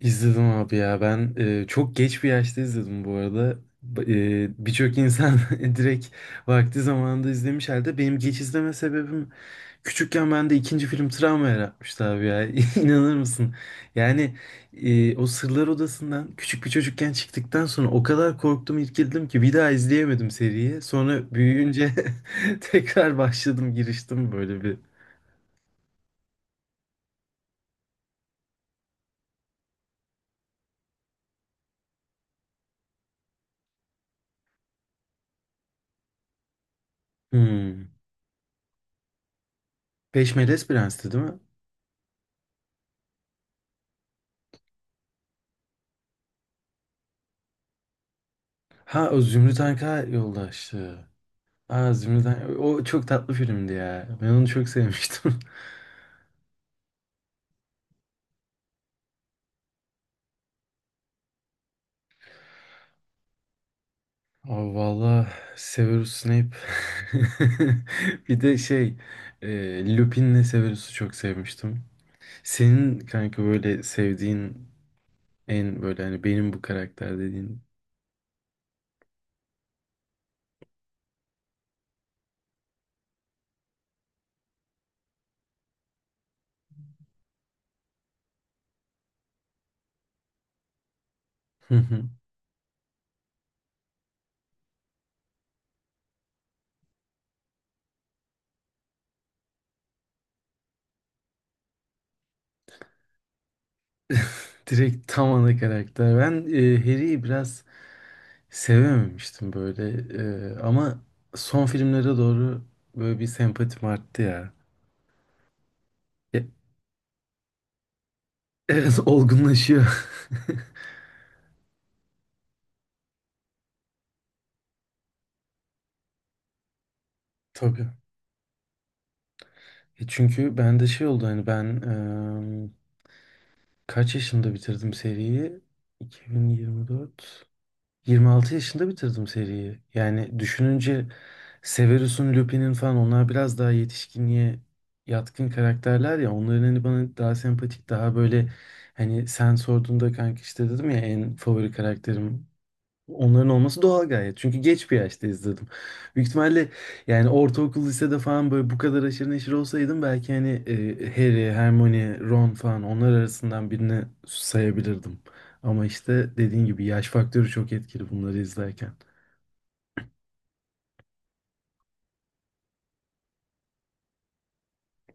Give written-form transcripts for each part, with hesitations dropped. İzledim abi ya ben çok geç bir yaşta izledim bu arada. B- birçok insan direkt vakti zamanında izlemiş halde benim geç izleme sebebim küçükken bende ikinci film travma yaratmıştı abi ya inanır mısın? Yani o Sırlar Odası'ndan küçük bir çocukken çıktıktan sonra o kadar korktum irkildim ki bir daha izleyemedim seriyi. Sonra büyüyünce tekrar başladım giriştim böyle bir. Hmm. Beş Melez Prens'ti değil mi? Ha o Zümrüt Anka yoldaştı. Aa, Zümrüt'ten. O çok tatlı filmdi ya. Ben onu çok sevmiştim. Aa, valla Severus Snape. Bir de şey Lupin'le Severus'u çok sevmiştim. Senin kanka böyle sevdiğin en böyle hani benim bu karakter dediğin. Hı hı. Direkt tam ana karakter. Ben Harry'i biraz sevememiştim böyle. Ama son filmlere doğru böyle bir sempatim arttı ya. Ya, evet olgunlaşıyor. Tabii. Çünkü ben de şey oldu hani ben eee, kaç yaşında bitirdim seriyi? 2024. 26 yaşında bitirdim seriyi. Yani düşününce Severus'un, Lupin'in falan onlar biraz daha yetişkinliğe yatkın karakterler ya. Onların hani bana daha sempatik, daha böyle hani sen sorduğunda kanka işte dedim ya en favori karakterim. Onların olması doğal gayet. Çünkü geç bir yaşta izledim. Büyük ihtimalle yani ortaokul, lisede falan böyle bu kadar aşırı neşir olsaydım belki hani Harry, Hermione, Ron falan onlar arasından birini sayabilirdim. Ama işte dediğin gibi yaş faktörü çok etkili bunları izlerken.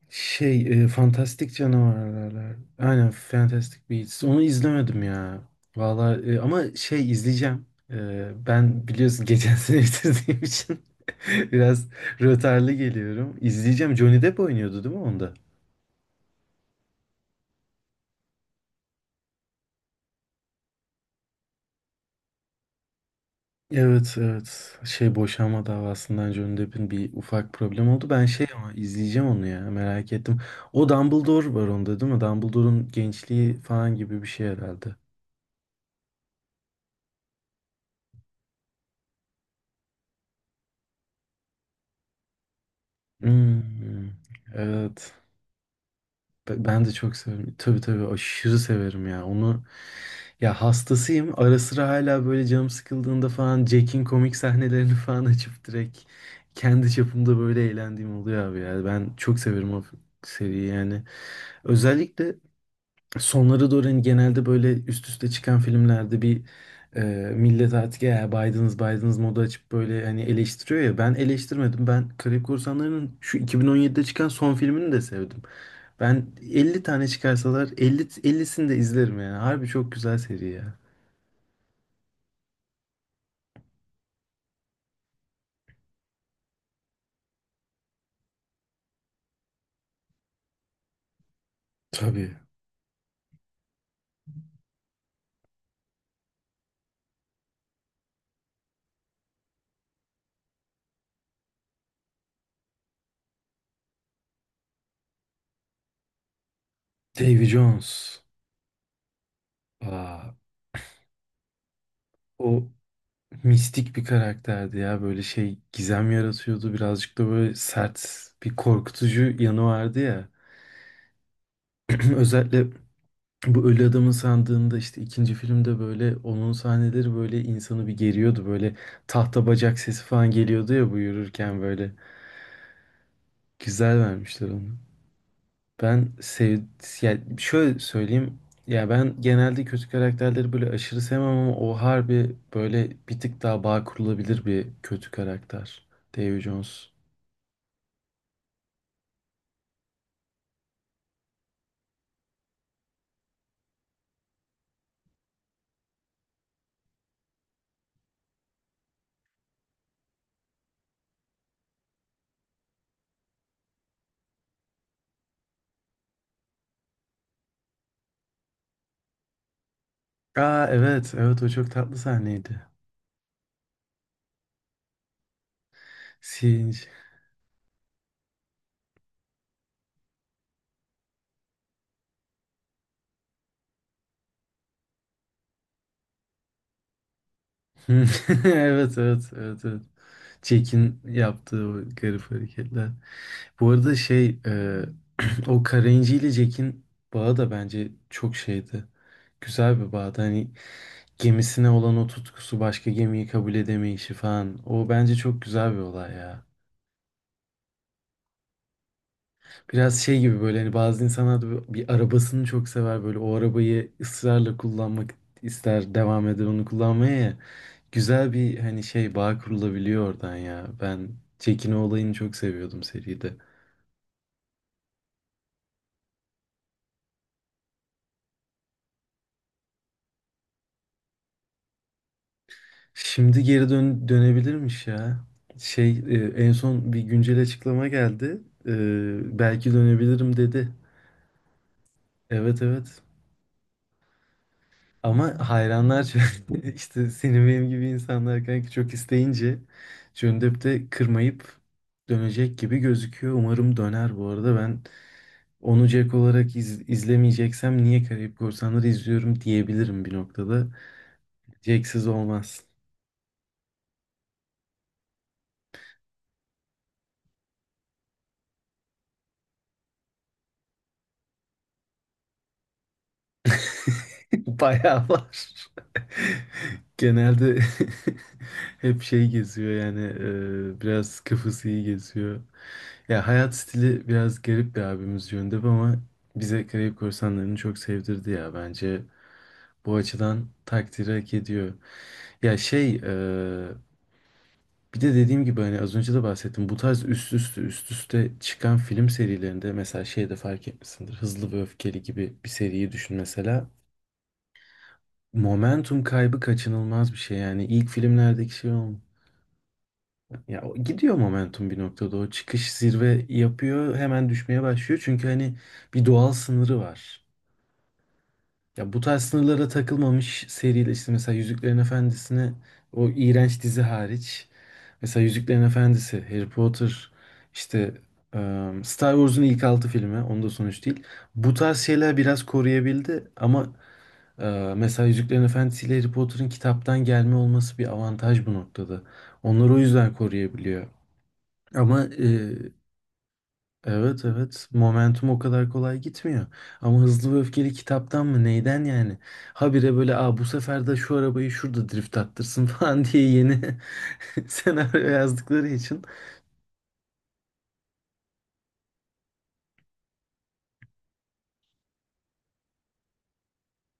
Şey, Fantastik Canavarlar. Aynen Fantastic Beasts. Onu izlemedim ya. Valla ama şey izleyeceğim. Ben biliyorsun geçen sene bitirdiğim için biraz rötarlı geliyorum. İzleyeceğim. Johnny Depp oynuyordu değil mi onda? Evet evet. Şey boşanma davasından Johnny Depp'in bir ufak problem oldu. Ben şey ama izleyeceğim onu ya merak ettim. O Dumbledore var onda değil mi? Dumbledore'un gençliği falan gibi bir şey herhalde. Hmm, evet. Ben de çok severim. Tabii tabii aşırı severim ya. Onu ya hastasıyım. Ara sıra hala böyle canım sıkıldığında falan Jack'in komik sahnelerini falan açıp direkt kendi çapımda böyle eğlendiğim oluyor abi ya. Ben çok severim o seriyi yani. Özellikle sonları doğru hani genelde böyle üst üste çıkan filmlerde bir e, millet artık ya Biden's modu açıp böyle hani eleştiriyor ya ben eleştirmedim. Ben Karayip Korsanları'nın şu 2017'de çıkan son filmini de sevdim. Ben 50 tane çıkarsalar 50 50'sini de izlerim yani. Harbi çok güzel seri ya. Tabii. Davy Jones. Aa, o mistik bir karakterdi ya. Böyle şey gizem yaratıyordu. Birazcık da böyle sert bir korkutucu yanı vardı ya. Özellikle bu Ölü Adamın Sandığı'nda işte ikinci filmde böyle onun sahneleri böyle insanı bir geriyordu. Böyle tahta bacak sesi falan geliyordu ya bu yürürken böyle. Güzel vermişler onu. Ben sev Yani şöyle söyleyeyim. Ya ben genelde kötü karakterleri böyle aşırı sevmem ama o harbi böyle bir tık daha bağ kurulabilir bir kötü karakter. Davy Jones. Aa evet evet o çok tatlı sahneydi. Singe. Evet evet evet evet. Jack'in yaptığı o garip hareketler. Bu arada şey o Karenci ile Jack'in bağı da bence çok şeydi. Güzel bir bağdı. Hani gemisine olan o tutkusu, başka gemiyi kabul edemeyişi falan. O bence çok güzel bir olay ya. Biraz şey gibi böyle hani bazı insanlar da bir arabasını çok sever böyle o arabayı ısrarla kullanmak ister devam eder onu kullanmaya ya. Güzel bir hani şey bağ kurulabiliyor oradan ya. Ben Çekino olayını çok seviyordum seride. Şimdi geri dönebilirmiş ya. Şey en son bir güncel açıklama geldi. Belki dönebilirim dedi. Evet evet. Ama hayranlar işte senin benim gibi insanlar kanka çok isteyince dönüp de kırmayıp dönecek gibi gözüküyor. Umarım döner bu arada. Ben onu Jack olarak izlemeyeceksem niye Karayip Korsanları izliyorum diyebilirim bir noktada. Jack'siz olmaz. Bayağı var. Genelde hep şey geziyor yani biraz kafası iyi geziyor. Ya hayat stili biraz garip bir abimiz yönde ama bize Karayip Korsanları'nı çok sevdirdi ya bence. Bu açıdan takdiri hak ediyor. Ya şey bir de dediğim gibi hani az önce de bahsettim. Bu tarz üst üste çıkan film serilerinde mesela şeyde fark etmişsindir. Hızlı ve Öfkeli gibi bir seriyi düşün mesela. Momentum kaybı kaçınılmaz bir şey yani ilk filmlerdeki şey olmuyor. Ya o gidiyor momentum bir noktada o çıkış zirve yapıyor hemen düşmeye başlıyor çünkü hani bir doğal sınırı var. Ya bu tarz sınırlara takılmamış seriyle işte mesela Yüzüklerin Efendisi'ne o iğrenç dizi hariç mesela Yüzüklerin Efendisi, Harry Potter işte e, Star Wars'un ilk altı filmi onda sonuç değil. Bu tarz şeyler biraz koruyabildi ama mesela Yüzüklerin Efendisi ile Harry Potter'ın kitaptan gelme olması bir avantaj bu noktada. Onları o yüzden koruyabiliyor. Ama evet evet momentum o kadar kolay gitmiyor. Ama Hızlı ve Öfkeli kitaptan mı neyden yani? Habire böyle Aa, bu sefer de şu arabayı şurada drift attırsın falan diye yeni senaryo yazdıkları için.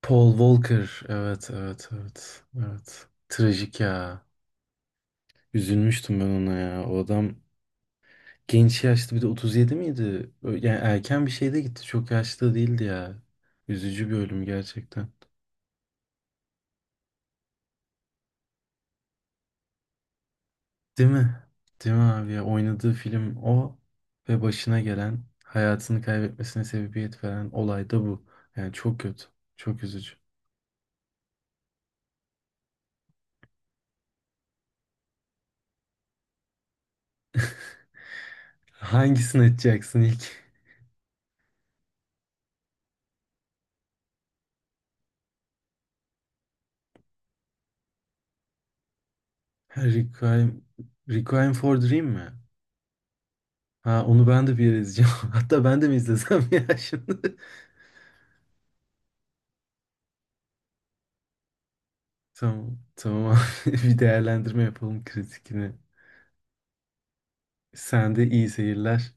Paul Walker evet evet evet evet. Trajik ya. Üzülmüştüm ben ona ya. O adam genç yaşta bir de 37 miydi? Yani erken bir şeyde gitti. Çok yaşlı değildi ya. Üzücü bir ölüm gerçekten. Değil mi? Değil mi abi ya? Oynadığı film o ve başına gelen hayatını kaybetmesine sebebiyet veren olay da bu. Yani çok kötü. Çok üzücü. Hangisini açacaksın ilk? Ha, Requiem, Requiem for Dream mi? Ha onu ben de bir yere izleyeceğim. Hatta ben de mi izlesem ya şimdi? Tamam. Tamam abi. Bir değerlendirme yapalım kritikini. Sen de iyi seyirler.